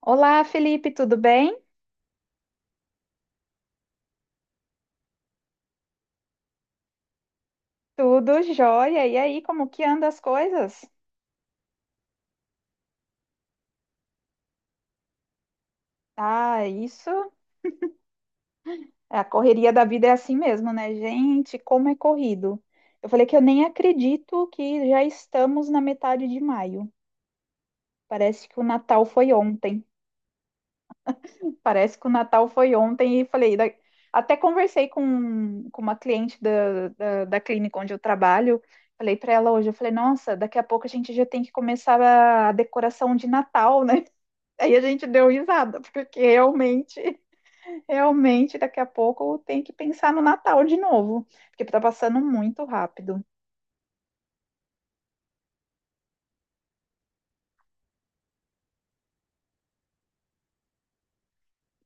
Olá, Felipe, tudo bem? Tudo jóia. E aí, como que andam as coisas? Ah, isso, a correria da vida é assim mesmo, né? Gente, como é corrido. Eu falei que eu nem acredito que já estamos na metade de maio. Parece que o Natal foi ontem. Parece que o Natal foi ontem e falei, até conversei com uma cliente da clínica onde eu trabalho. Falei para ela hoje, eu falei, nossa, daqui a pouco a gente já tem que começar a decoração de Natal, né? Aí a gente deu risada, porque realmente, realmente daqui a pouco tem que pensar no Natal de novo, porque tá passando muito rápido.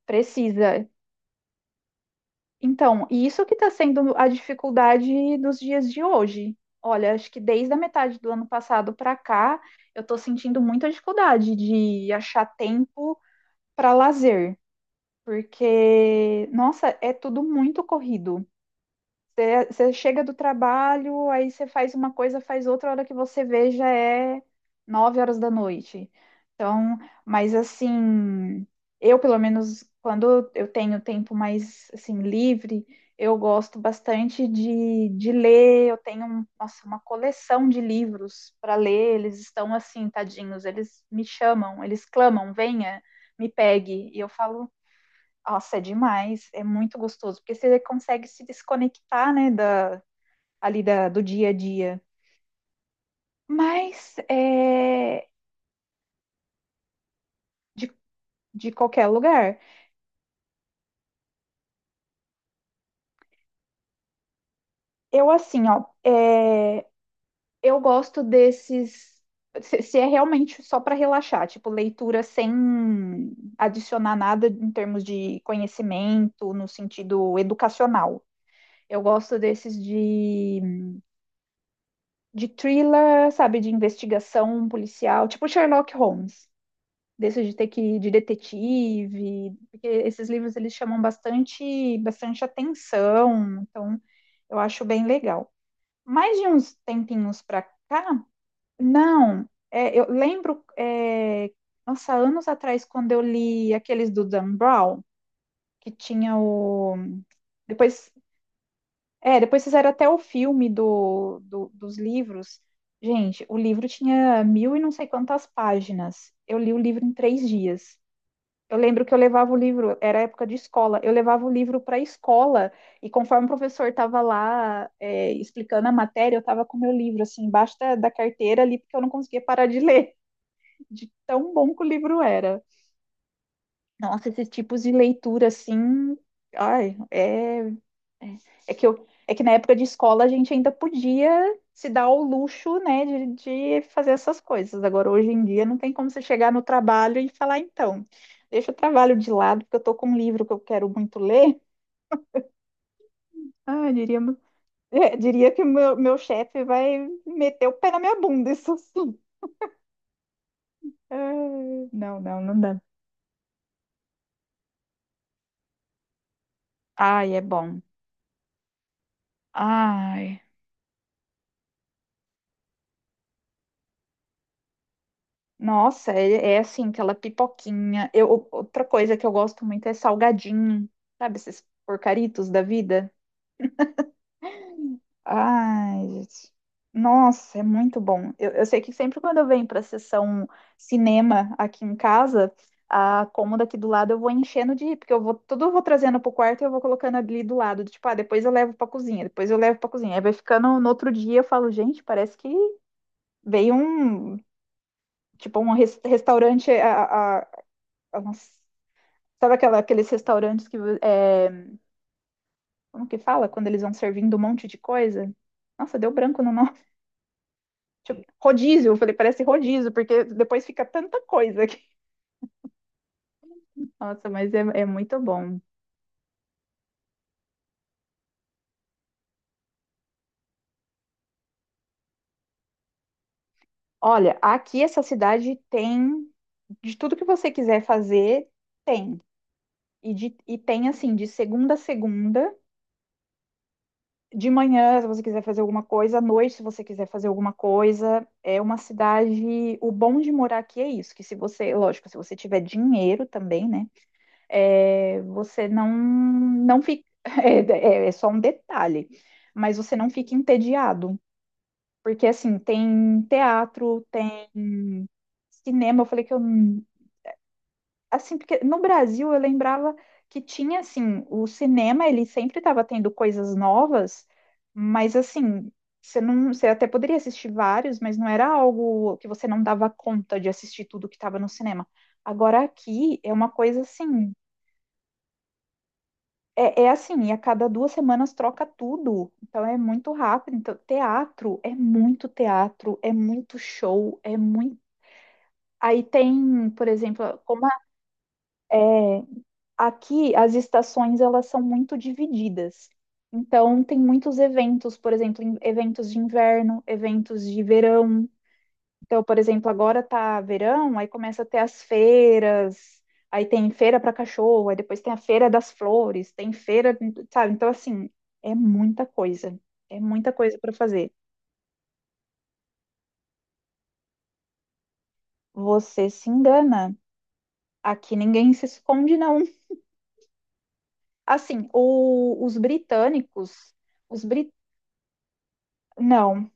Precisa. Então, e isso que está sendo a dificuldade dos dias de hoje. Olha, acho que desde a metade do ano passado para cá, eu estou sentindo muita dificuldade de achar tempo para lazer, porque, nossa, é tudo muito corrido. Você chega do trabalho, aí você faz uma coisa, faz outra, a hora que você vê já é 9 horas da noite. Então, mas assim, eu pelo menos quando eu tenho tempo mais assim livre, eu gosto bastante de ler. Eu tenho nossa, uma coleção de livros para ler. Eles estão assim, tadinhos, eles me chamam, eles clamam, venha, me pegue. E eu falo nossa, é demais, é muito gostoso, porque você consegue se desconectar, né, da, ali da, do dia a dia. Mas é, de, de qualquer lugar. Eu, assim, ó, eu gosto desses. Se é realmente só para relaxar, tipo, leitura sem adicionar nada em termos de conhecimento, no sentido educacional. Eu gosto desses de, thriller, sabe, de investigação policial, tipo Sherlock Holmes. Desse de ter que ir de detetive, porque esses livros eles chamam bastante, bastante atenção, então eu acho bem legal. Mais de uns tempinhos para cá, não, eu lembro, nossa, anos atrás, quando eu li aqueles do Dan Brown, que tinha o. Depois, depois fizeram até o filme do, dos livros. Gente, o livro tinha mil e não sei quantas páginas. Eu li o livro em 3 dias. Eu lembro que eu levava o livro, era época de escola, eu levava o livro para a escola e conforme o professor estava lá explicando a matéria, eu estava com o meu livro assim embaixo da carteira ali porque eu não conseguia parar de ler, de tão bom que o livro era. Nossa, esses tipos de leitura assim, ai, é que, eu, é que na época de escola a gente ainda podia se dar o luxo, né, de fazer essas coisas. Agora, hoje em dia, não tem como você chegar no trabalho e falar, então, deixa o trabalho de lado, porque eu estou com um livro que eu quero muito ler. Ah, eu diria, diria que o meu chefe vai meter o pé na minha bunda, isso sim. Ah, não, não, não dá. Ai, é bom. Ai. Nossa, é assim, aquela pipoquinha. Outra coisa que eu gosto muito é salgadinho, sabe? Esses porcaritos da vida. Ai, gente. Nossa, é muito bom. Eu sei que sempre quando eu venho para sessão cinema aqui em casa, a cômoda aqui do lado eu vou enchendo de, porque eu vou, tudo eu vou trazendo pro quarto e eu vou colocando ali do lado, tipo, ah, depois eu levo para cozinha, depois eu levo para cozinha. Aí vai ficando no outro dia, eu falo, gente, parece que veio um, tipo, um restaurante nossa, Sabe aquela, aqueles restaurantes que. É, como que fala? Quando eles vão servindo um monte de coisa? Nossa, deu branco no nome. Tipo, rodízio, eu falei, parece rodízio, porque depois fica tanta coisa aqui. Nossa, mas é muito bom. Olha, aqui essa cidade tem de tudo que você quiser fazer, tem. E, e tem assim, de segunda a segunda, de manhã, se você quiser fazer alguma coisa, à noite, se você quiser fazer alguma coisa, é uma cidade. O bom de morar aqui é isso, que se você, lógico, se você tiver dinheiro também, né? Você não fica é, é só um detalhe, mas você não fica entediado, porque assim tem teatro, tem cinema. Eu falei que eu assim, porque no Brasil eu lembrava que tinha, assim, o cinema, ele sempre estava tendo coisas novas, mas, assim, você não, você até poderia assistir vários, mas não era algo que você não dava conta de assistir tudo que estava no cinema. Agora aqui é uma coisa, assim, é assim, e a cada 2 semanas troca tudo, então é muito rápido. Então, teatro, é muito show, é muito. Aí tem, por exemplo, é, aqui as estações elas são muito divididas. Então tem muitos eventos, por exemplo, eventos de inverno, eventos de verão. Então, por exemplo, agora tá verão, aí começa a ter as feiras, aí tem feira para cachorro, aí depois tem a feira das flores, tem feira, sabe? Então assim, é muita coisa. É muita coisa para fazer. Você se engana. Aqui ninguém se esconde, não. Assim, os britânicos, os brit, Não,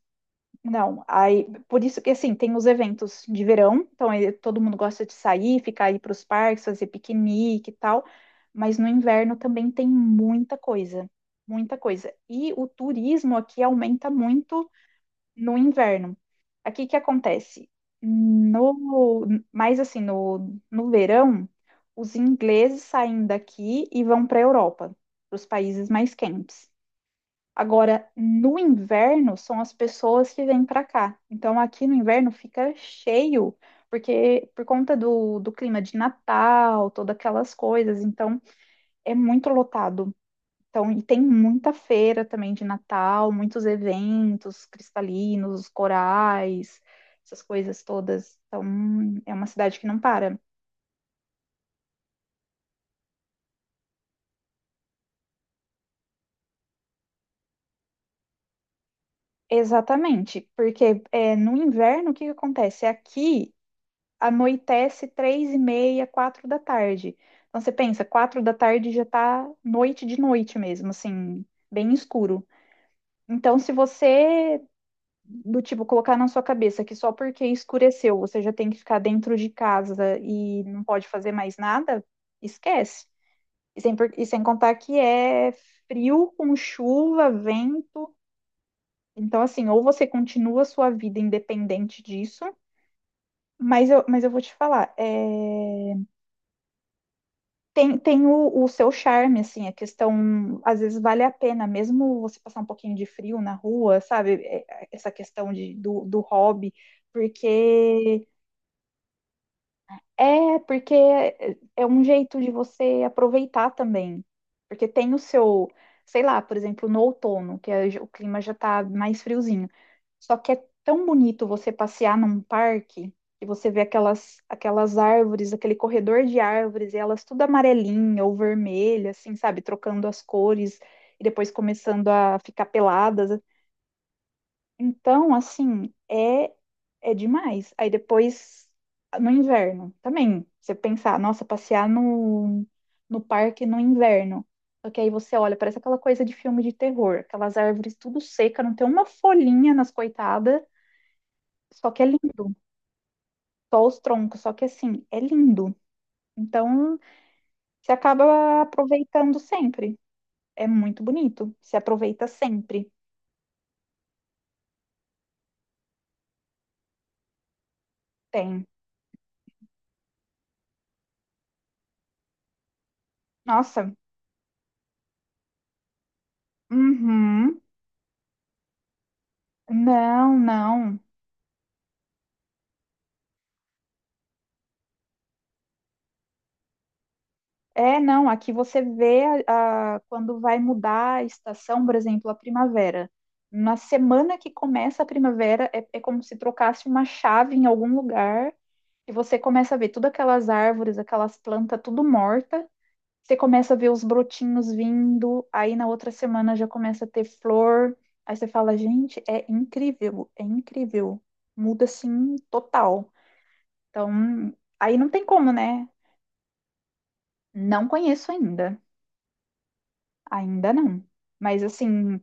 Não, aí por isso que assim tem os eventos de verão, então todo mundo gosta de sair, ficar aí para os parques, fazer piquenique e tal, mas no inverno também tem muita coisa, muita coisa. E o turismo aqui aumenta muito no inverno. Aqui o que acontece? No, mais assim, no verão, os ingleses saem daqui e vão para a Europa, para os países mais quentes. Agora, no inverno, são as pessoas que vêm para cá. Então, aqui no inverno fica cheio, porque por conta do clima de Natal, todas aquelas coisas. Então, é muito lotado. Então, e tem muita feira também de Natal, muitos eventos cristalinos, corais, essas coisas todas. Então, é uma cidade que não para. Exatamente, porque no inverno o que que acontece? Aqui anoitece 3h30, 4 da tarde. Então você pensa, 4 da tarde já tá noite de noite mesmo, assim, bem escuro. Então, se você, do tipo, colocar na sua cabeça que só porque escureceu você já tem que ficar dentro de casa e não pode fazer mais nada, esquece. E sem, e sem contar que é frio com chuva, vento. Então, assim, ou você continua a sua vida independente disso, mas eu vou te falar, tem o seu charme, assim, a questão, às vezes vale a pena, mesmo você passar um pouquinho de frio na rua, sabe? Essa questão de, do hobby, porque é, porque é é um jeito de você aproveitar também. Porque tem o seu, sei lá, por exemplo, no outono, o clima já tá mais friozinho. Só que é tão bonito você passear num parque e você vê aquelas árvores, aquele corredor de árvores, e elas tudo amarelinha ou vermelha, assim, sabe? Trocando as cores e depois começando a ficar peladas, então, assim, é demais. Aí depois, no inverno, também, você pensar, nossa, passear no, no parque no inverno. Só que aí você olha, parece aquela coisa de filme de terror, aquelas árvores tudo seca, não tem uma folhinha nas coitadas, só que é lindo. Só os troncos, só que assim, é lindo. Então, você acaba aproveitando sempre. É muito bonito. Se aproveita sempre. Tem. Nossa. Uhum. Não, não. É, não, aqui você vê quando vai mudar a estação, por exemplo, a primavera. Na semana que começa a primavera, é como se trocasse uma chave em algum lugar e você começa a ver todas aquelas árvores, aquelas plantas, tudo morta. Você começa a ver os brotinhos vindo, aí na outra semana já começa a ter flor. Aí você fala, gente, é incrível, é incrível. Muda assim total. Então, aí não tem como, né? Não conheço ainda. Ainda não. Mas assim,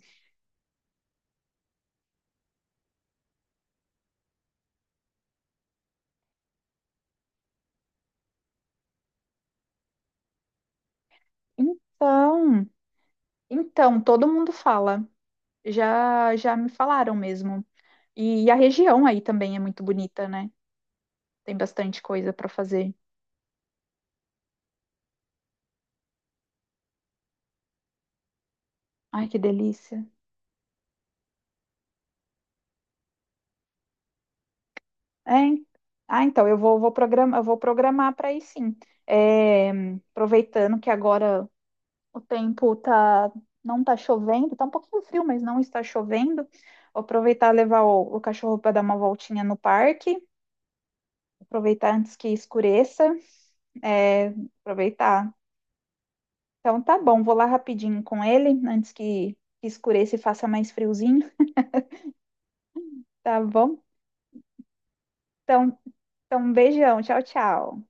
então, então, todo mundo fala. Já me falaram mesmo. E a região aí também é muito bonita, né? Tem bastante coisa para fazer. Ai, que delícia. É, então eu vou, vou programar, eu vou programar para ir sim. É, aproveitando que agora o tempo tá, não tá chovendo, tá um pouquinho frio, mas não está chovendo. Vou aproveitar e levar o cachorro para dar uma voltinha no parque, aproveitar antes que escureça. É, aproveitar. Então tá bom, vou lá rapidinho com ele, antes que escureça e faça mais friozinho, tá bom? Então, então um beijão, tchau, tchau.